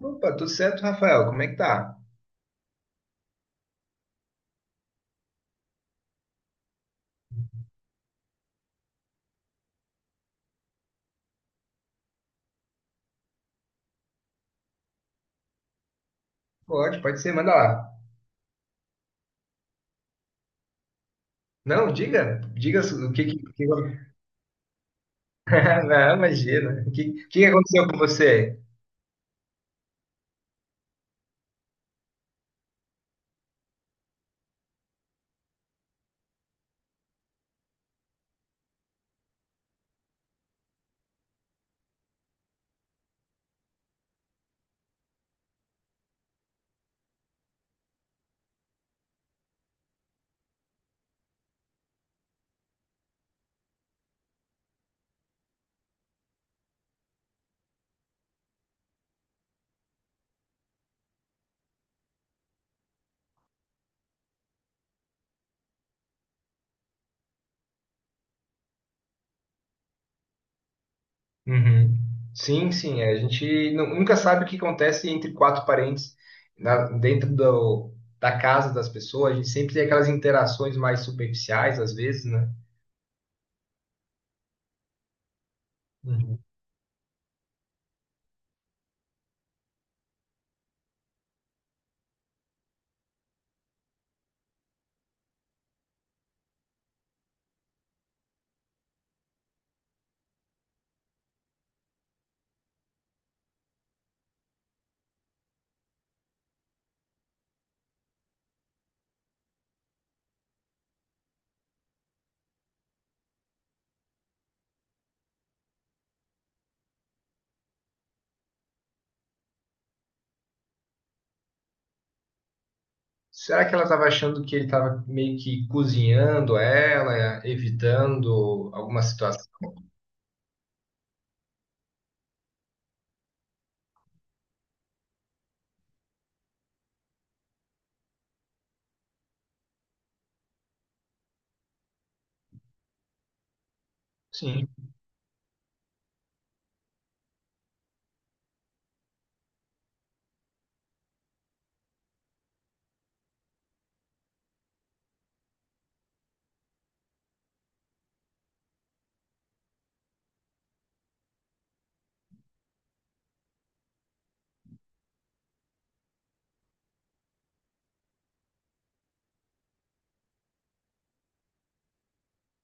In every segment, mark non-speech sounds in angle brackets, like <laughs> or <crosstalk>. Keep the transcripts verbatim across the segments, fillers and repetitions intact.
Opa, tudo certo, Rafael? Como é que tá? Pode, pode ser, manda lá. Não, diga, diga o que que... que- <laughs> Não, imagina. O que, o que que aconteceu com você? Uhum. Sim, sim, a gente nu- nunca sabe o que acontece entre quatro parentes na- dentro do- da casa das pessoas. A gente sempre tem aquelas interações mais superficiais, às vezes, né? Uhum. Será que ela estava achando que ele estava meio que cozinhando ela, evitando alguma situação? Sim.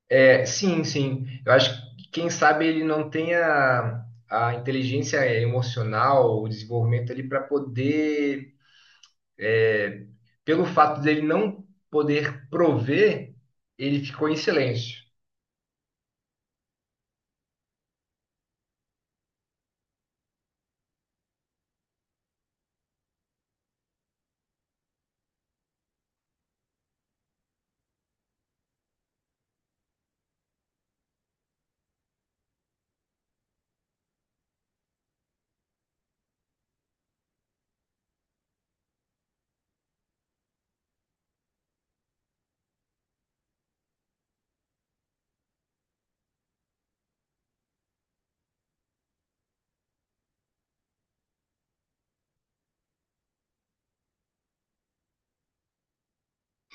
É, sim, sim. Eu acho que quem sabe ele não tenha a inteligência emocional, o desenvolvimento ali para poder, é, pelo fato dele não poder prover, ele ficou em silêncio.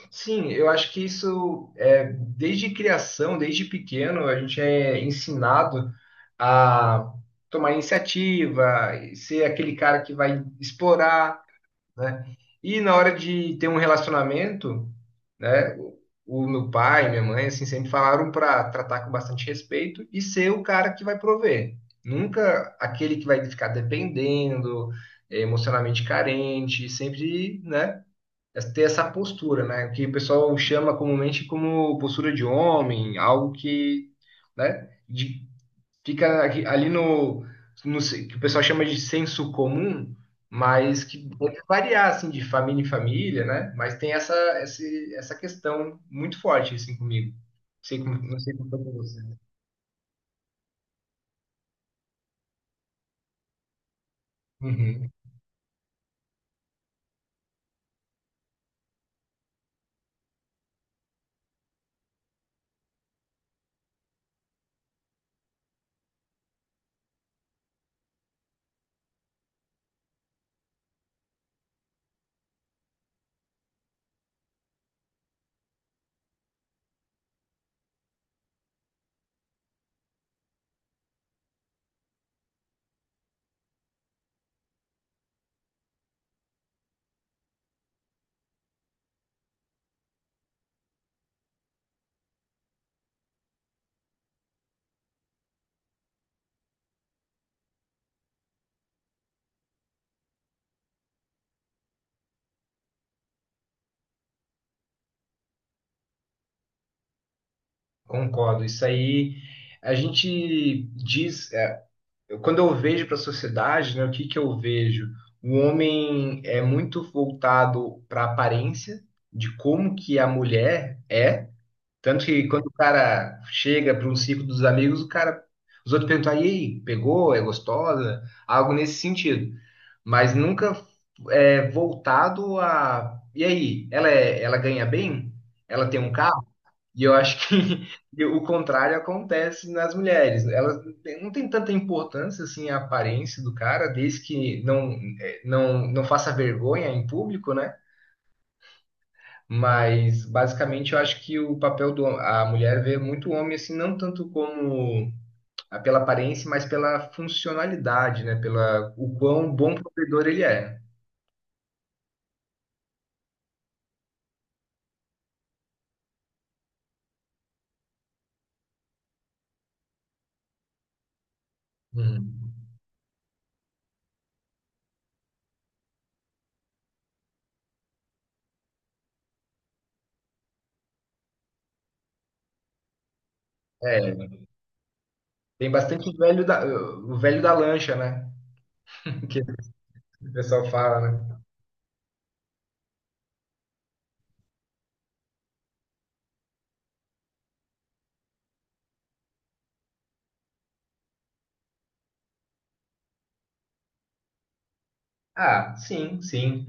Sim, eu acho que isso é desde criação, desde pequeno, a gente é ensinado a tomar iniciativa, ser aquele cara que vai explorar, né? E na hora de ter um relacionamento, né? O o meu pai, minha mãe, assim, sempre falaram para tratar com bastante respeito e ser o cara que vai prover. Nunca aquele que vai ficar dependendo, eh, emocionalmente carente, sempre, né? Ter essa postura, né? Que o pessoal chama comumente como postura de homem, algo que, né? de- Fica aqui- ali no, no ce- que o pessoal chama de senso comum, mas que pode variar assim de família em família, né? Mas tem essa esse- essa questão muito forte assim comigo. Sei como, não sei como foi com você. Uhum, concordo. Isso aí a gente diz, é, eu- quando eu vejo para a sociedade, né, o que que eu vejo? O homem é muito voltado para a aparência de como que a mulher é. Tanto que quando o cara chega para um ciclo dos amigos, o cara, os outros perguntam: "Ah, e aí, pegou? É gostosa?" Algo nesse sentido. Mas nunca é voltado a... E aí, ela, é, ela ganha bem? Ela tem um carro? E eu acho que <laughs> o contrário acontece nas mulheres. Elas não têm, não têm tanta importância assim a aparência do cara, desde que não, eh, não, não faça vergonha em público, né? Mas basicamente eu acho que o papel do a mulher vê muito o homem assim não tanto como ah, pela aparência, mas pela funcionalidade, né? Pela o quão bom provedor ele é. Hum. É, tem bastante o velho da o velho da lancha, né? <laughs> Que o pessoal fala, né? Ah, sim, sim.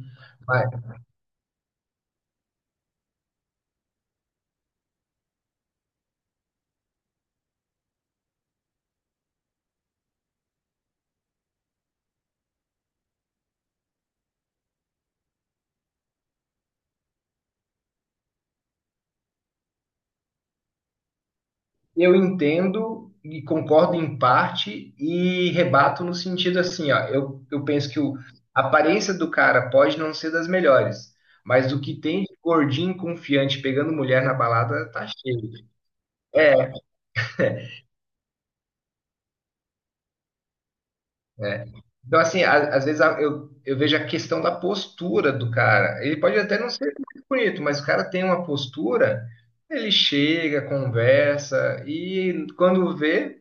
Eu entendo e concordo em parte e rebato no sentido assim, ó, eu, eu penso que o- a aparência do cara pode não ser das melhores, mas o que tem de gordinho confiante pegando mulher na balada tá cheio. É, é. Então, assim, a- às vezes a- eu, eu vejo a questão da postura do cara. Ele pode até não ser muito bonito, mas o cara tem uma postura, ele chega, conversa, e quando vê...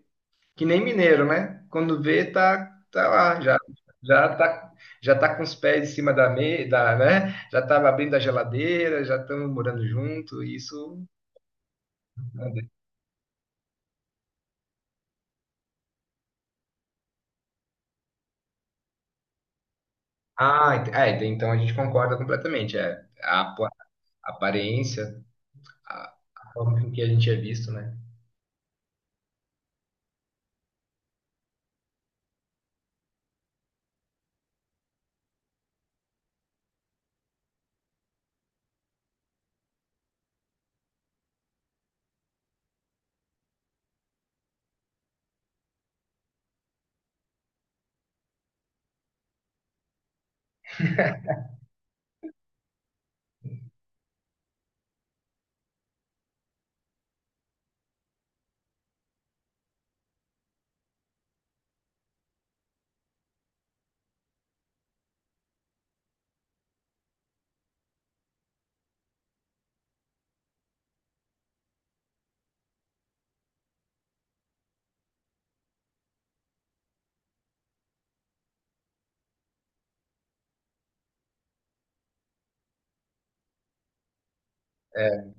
Que nem mineiro, né? Quando vê, tá, tá lá, já, já tá, já tá com os pés em cima da mesa, né? Já estava abrindo a geladeira, já estamos morando junto, isso. Ah, ent- ah, ent- é, então a gente concorda completamente. É a apa- a aparência, a, a forma com que a gente é visto, né? É.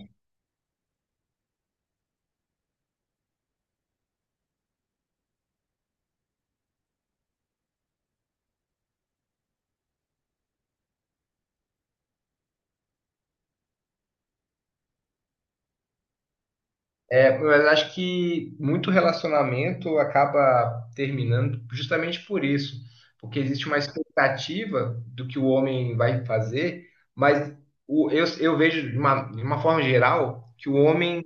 É, mas acho que muito relacionamento acaba terminando justamente por isso, porque existe uma expectativa do que o homem vai fazer, mas o- eu, eu vejo de uma, de uma forma geral que o homem,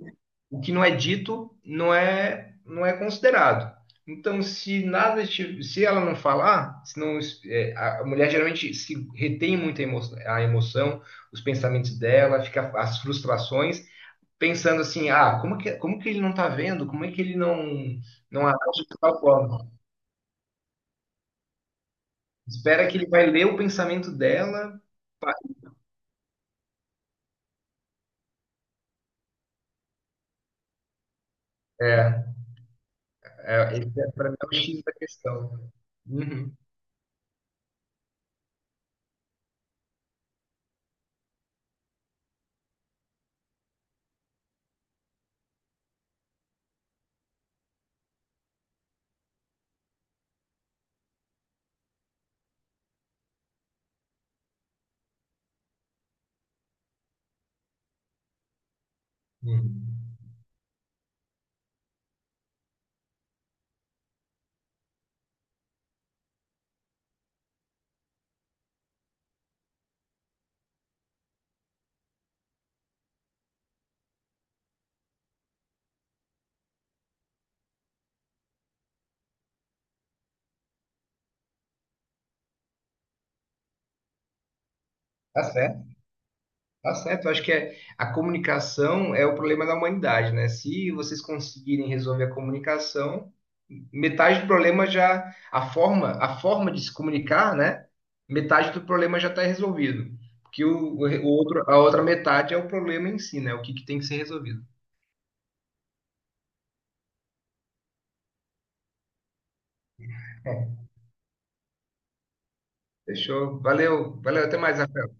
o que não é dito, não é, não é considerado. Então, se nada, ti- se ela não falar, se não, é, a a mulher geralmente se retém muito a emo- a emoção, os pensamentos dela, fica as frustrações pensando assim, ah, como que, como que ele não está vendo? Como é que ele não, não age de tal forma? Espera que ele vai ler o pensamento dela. É, é, esse é para mim é o X da questão. Uhum, uhum. Tá certo. Tá certo, eu acho que é, a comunicação é o problema da humanidade, né? Se vocês conseguirem resolver a comunicação, metade do problema já, a forma, a forma de se comunicar, né? Metade do problema já está resolvido. Porque o, o outro, a outra metade é o problema em si, né? O que, que tem que ser resolvido. É. Fechou? Valeu, valeu, até mais, Rafael.